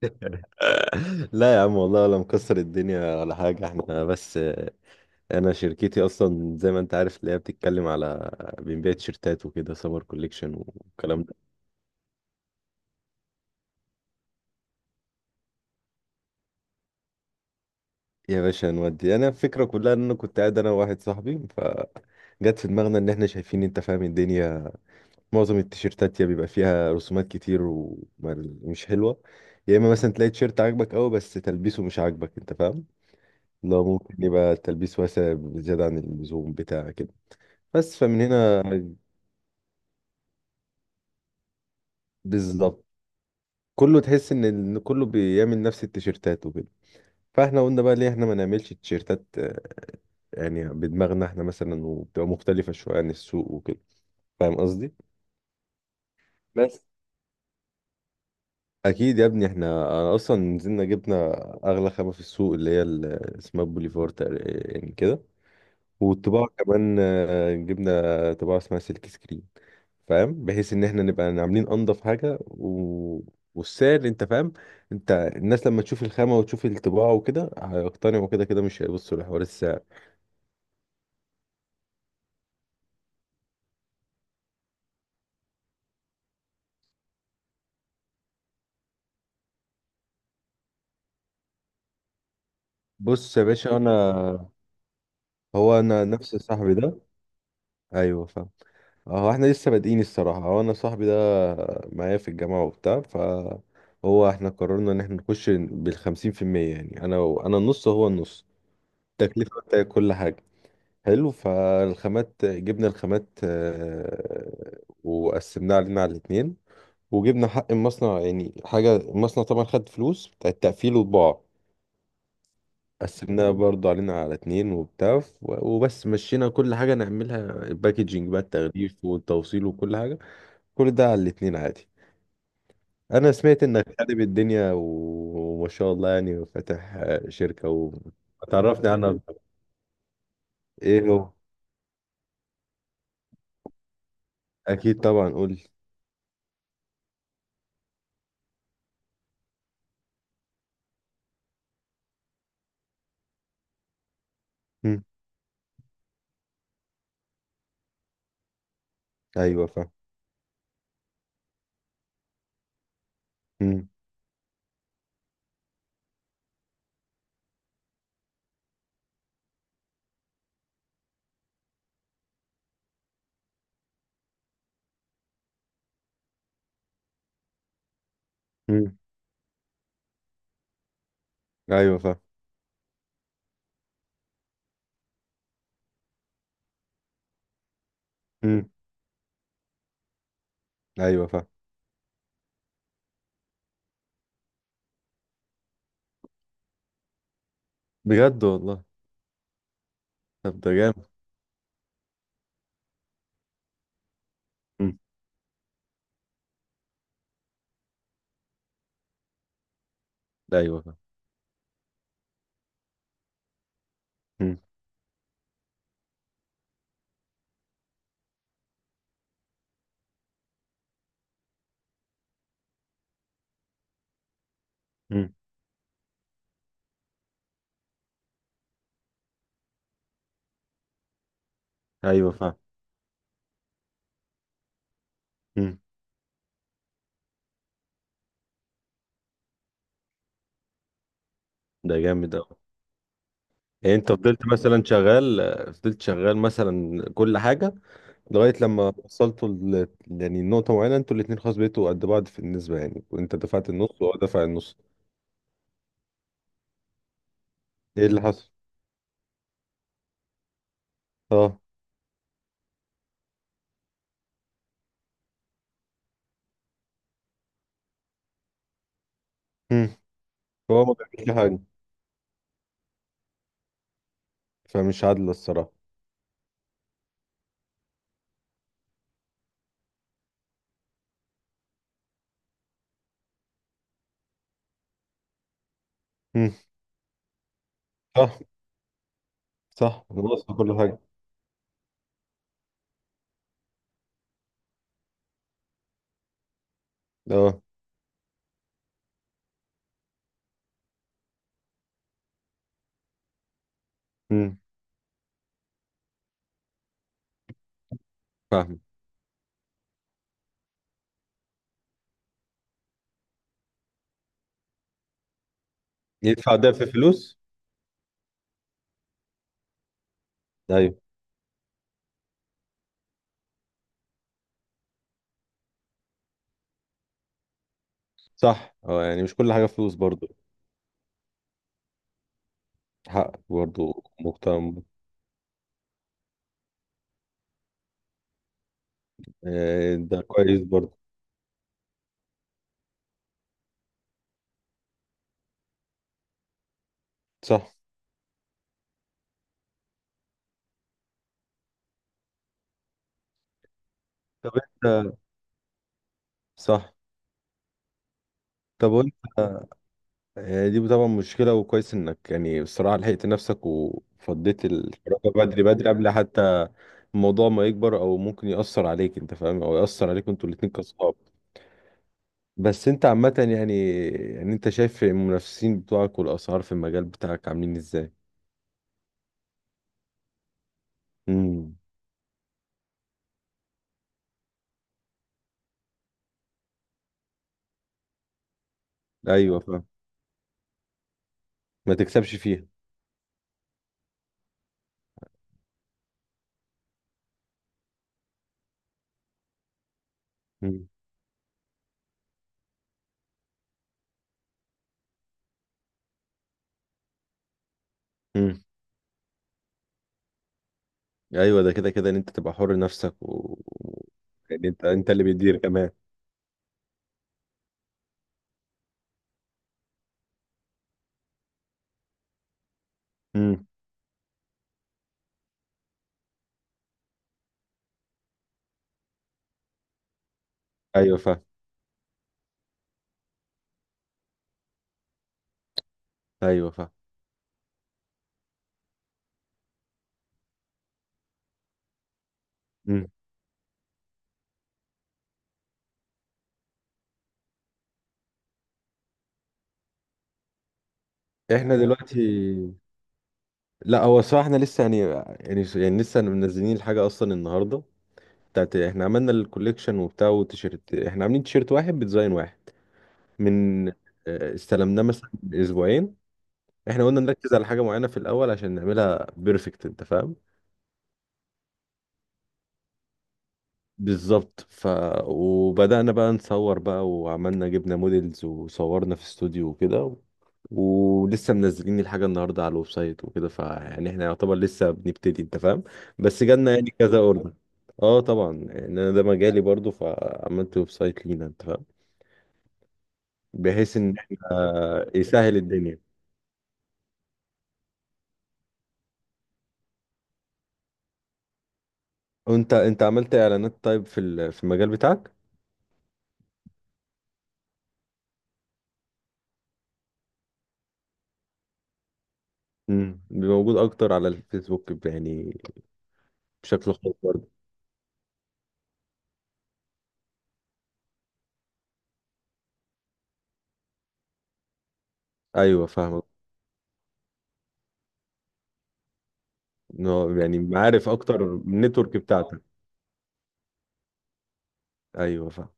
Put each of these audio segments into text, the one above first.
لا يا عم، والله ولا مكسر الدنيا ولا حاجة، احنا بس انا شركتي اصلا زي ما انت عارف اللي هي بتتكلم على بنبيع تيشيرتات وكده، سمر كوليكشن والكلام ده. يا باشا نودي، انا الفكرة كلها ان انا كنت قاعد انا وواحد صاحبي، فجت في دماغنا ان احنا شايفين، انت فاهم الدنيا. معظم التيشيرتات يا بيبقى فيها رسومات كتير ومش حلوة، يا اما مثلا تلاقي تيشيرت عاجبك قوي بس تلبيسه مش عاجبك، انت فاهم. لا ممكن يبقى التلبيس واسع زيادة عن اللزوم بتاع كده. بس فمن هنا. بالظبط. كله تحس إن كله بيعمل نفس التيشيرتات وكده. فاحنا قلنا بقى ليه احنا ما نعملش تيشيرتات، يعني بدماغنا احنا مثلا، وبتبقى مختلفة شوية عن السوق وكده. فاهم قصدي. بس. اكيد يا ابني، احنا أنا اصلا نزلنا جبنا اغلى خامة في السوق، اللي هي اسمها بوليفور تقريبا يعني كده. والطباعة كمان، جبنا طباعة اسمها سلك سكرين، فاهم. بحيث ان احنا نبقى عاملين انضف حاجه والسعر انت فاهم. انت الناس لما تشوف الخامه وتشوف الطباعه وكده، هيقتنعوا كده كده، مش هيبصوا لحوار السعر. بص يا باشا انا. هو انا نفس صاحبي ده. ايوه فاهم. هو احنا لسه بادئين الصراحه، هو انا صاحبي ده معايا في الجامعه وبتاع. هو احنا قررنا ان احنا نخش بالخمسين في المية، يعني انا النص هو النص. التكلفه بتاعت كل حاجه، حلو. فالخامات جبنا الخامات، وقسمناها علينا على الاتنين. وجبنا حق المصنع، يعني حاجة المصنع طبعا خد فلوس بتاع التقفيل والطباعة، قسمناها برضه علينا على اتنين وبتاع. وبس مشينا كل حاجة نعملها، الباكجينج بقى التغليف والتوصيل وكل حاجة، كل ده على الاتنين عادي. أنا سمعت إنك خارب الدنيا وما شاء الله، يعني فاتح شركة. وتعرفني عنها أكتر. إيه هو؟ أكيد طبعا قول لي. مم. أيوه فاهم. مم. ايوه فاهم. مم. ايوه فاهم. بجد والله. طب ده جامد. مم. ايوه فاهم. مم. مم. ايوه فاهم. مم. ده جامد أوي. يعني انت فضلت شغال مثلا كل حاجه لغايه لما وصلتوا يعني نقطه معينه انتوا الاتنين خلاص بقيتوا قد بعض في النسبه، يعني وانت دفعت النص وهو دفع النص. ايه اللي حصل؟ اه. مم. هو ما بيعملش حاجه، فمش عادله الصراحه. مم. صح. صح خلصت كل حاجه. اه. مم. فاهم. يدفع ده في فلوس؟ ايوه صح. اه يعني مش كل حاجة فلوس برضو. حقك برضو مهتم. ده كويس برضو. صح. طب انت. صح. طب وانت، دي طبعا مشكلة، وكويس انك يعني بصراحة لحقت نفسك وفضيت الشراكة بدري بدري قبل حتى الموضوع ما يكبر، او ممكن يأثر عليك انت فاهم، او يأثر عليكم انتوا الاتنين كصحاب. بس انت عامة يعني، انت شايف المنافسين بتوعك والاسعار في المجال بتاعك عاملين ازاي؟ امم. ايوه فاهم. ما تكسبش فيها. امم. ايوه ده كده كده ان انت تبقى حر نفسك يعني انت اللي بيدير كمان. امم. ايوه فاهم. ايوه فاهم. امم. احنا دلوقتي، لا هو الصراحه احنا لسه يعني لسه منزلين الحاجه اصلا النهارده. بتاعت، احنا عملنا الكوليكشن وبتاع وتيشيرت، احنا عاملين تيشيرت واحد بديزاين واحد من آه، استلمناه مثلا من اسبوعين. احنا قلنا نركز على حاجه معينه في الاول عشان نعملها بيرفكت، انت فاهم. بالظبط. وبدأنا بقى نصور بقى، وعملنا جبنا موديلز وصورنا في استوديو وكده ولسه منزلين الحاجة النهاردة على الويب سايت وكده، فيعني احنا يعتبر لسه بنبتدي انت فاهم. بس جالنا يعني كذا اوردر. اه طبعا يعني انا ده مجالي برضو، فعملت ويب سايت لينا انت فاهم، بحيث ان احنا يسهل الدنيا. وانت عملت اعلانات طيب في في المجال بتاعك؟ امم. موجود اكتر على الفيسبوك يعني، بشكل خاص برضه. ايوه فاهمك. إنه يعني عارف اكتر النتورك بتاعتك. ايوه فاهم.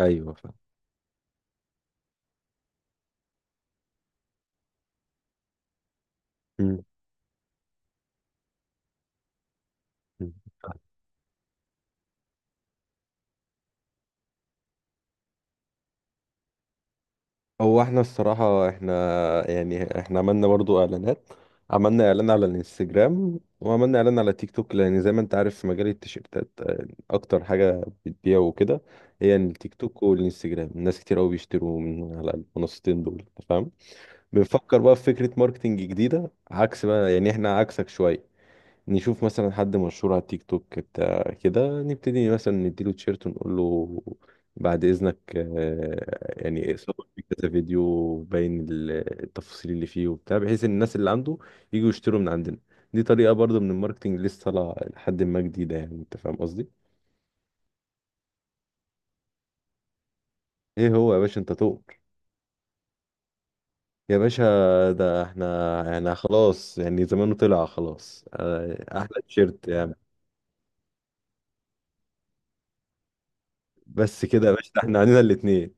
ايوه فاهم. مم. مم. هو احنا الصراحة. يعني احنا عملنا برضو اعلانات، عملنا اعلان على الانستجرام وعملنا اعلان على تيك توك، لان زي ما انت عارف في مجال التيشيرتات اكتر حاجة بتبيع وكده هي التيك توك والانستجرام، الناس كتير قوي بيشتروا من على المنصتين دول أنت فاهم. بنفكر بقى في فكرة ماركتنج جديدة عكس بقى، يعني احنا عكسك شوية. نشوف مثلا حد مشهور على تيك توك بتاع كده، نبتدي مثلا نديله تيشيرت ونقول له بعد إذنك، يعني صور في كذا فيديو باين التفاصيل اللي فيه وبتاع، بحيث إن الناس اللي عنده يجوا يشتروا من عندنا. دي طريقة برضه من الماركتينج لسه طالعة لحد ما، جديدة يعني. أنت فاهم قصدي؟ إيه هو يا باشا أنت تؤمر. يا باشا ده احنا، يعني خلاص يعني زمانه طلع خلاص، أحلى تيشيرت يعني. بس كده يا باشا ده احنا علينا الاتنين.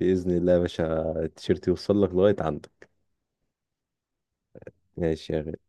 بإذن الله يا باشا التيشيرت يوصل لك لغاية عندك. ماشي يا غالي.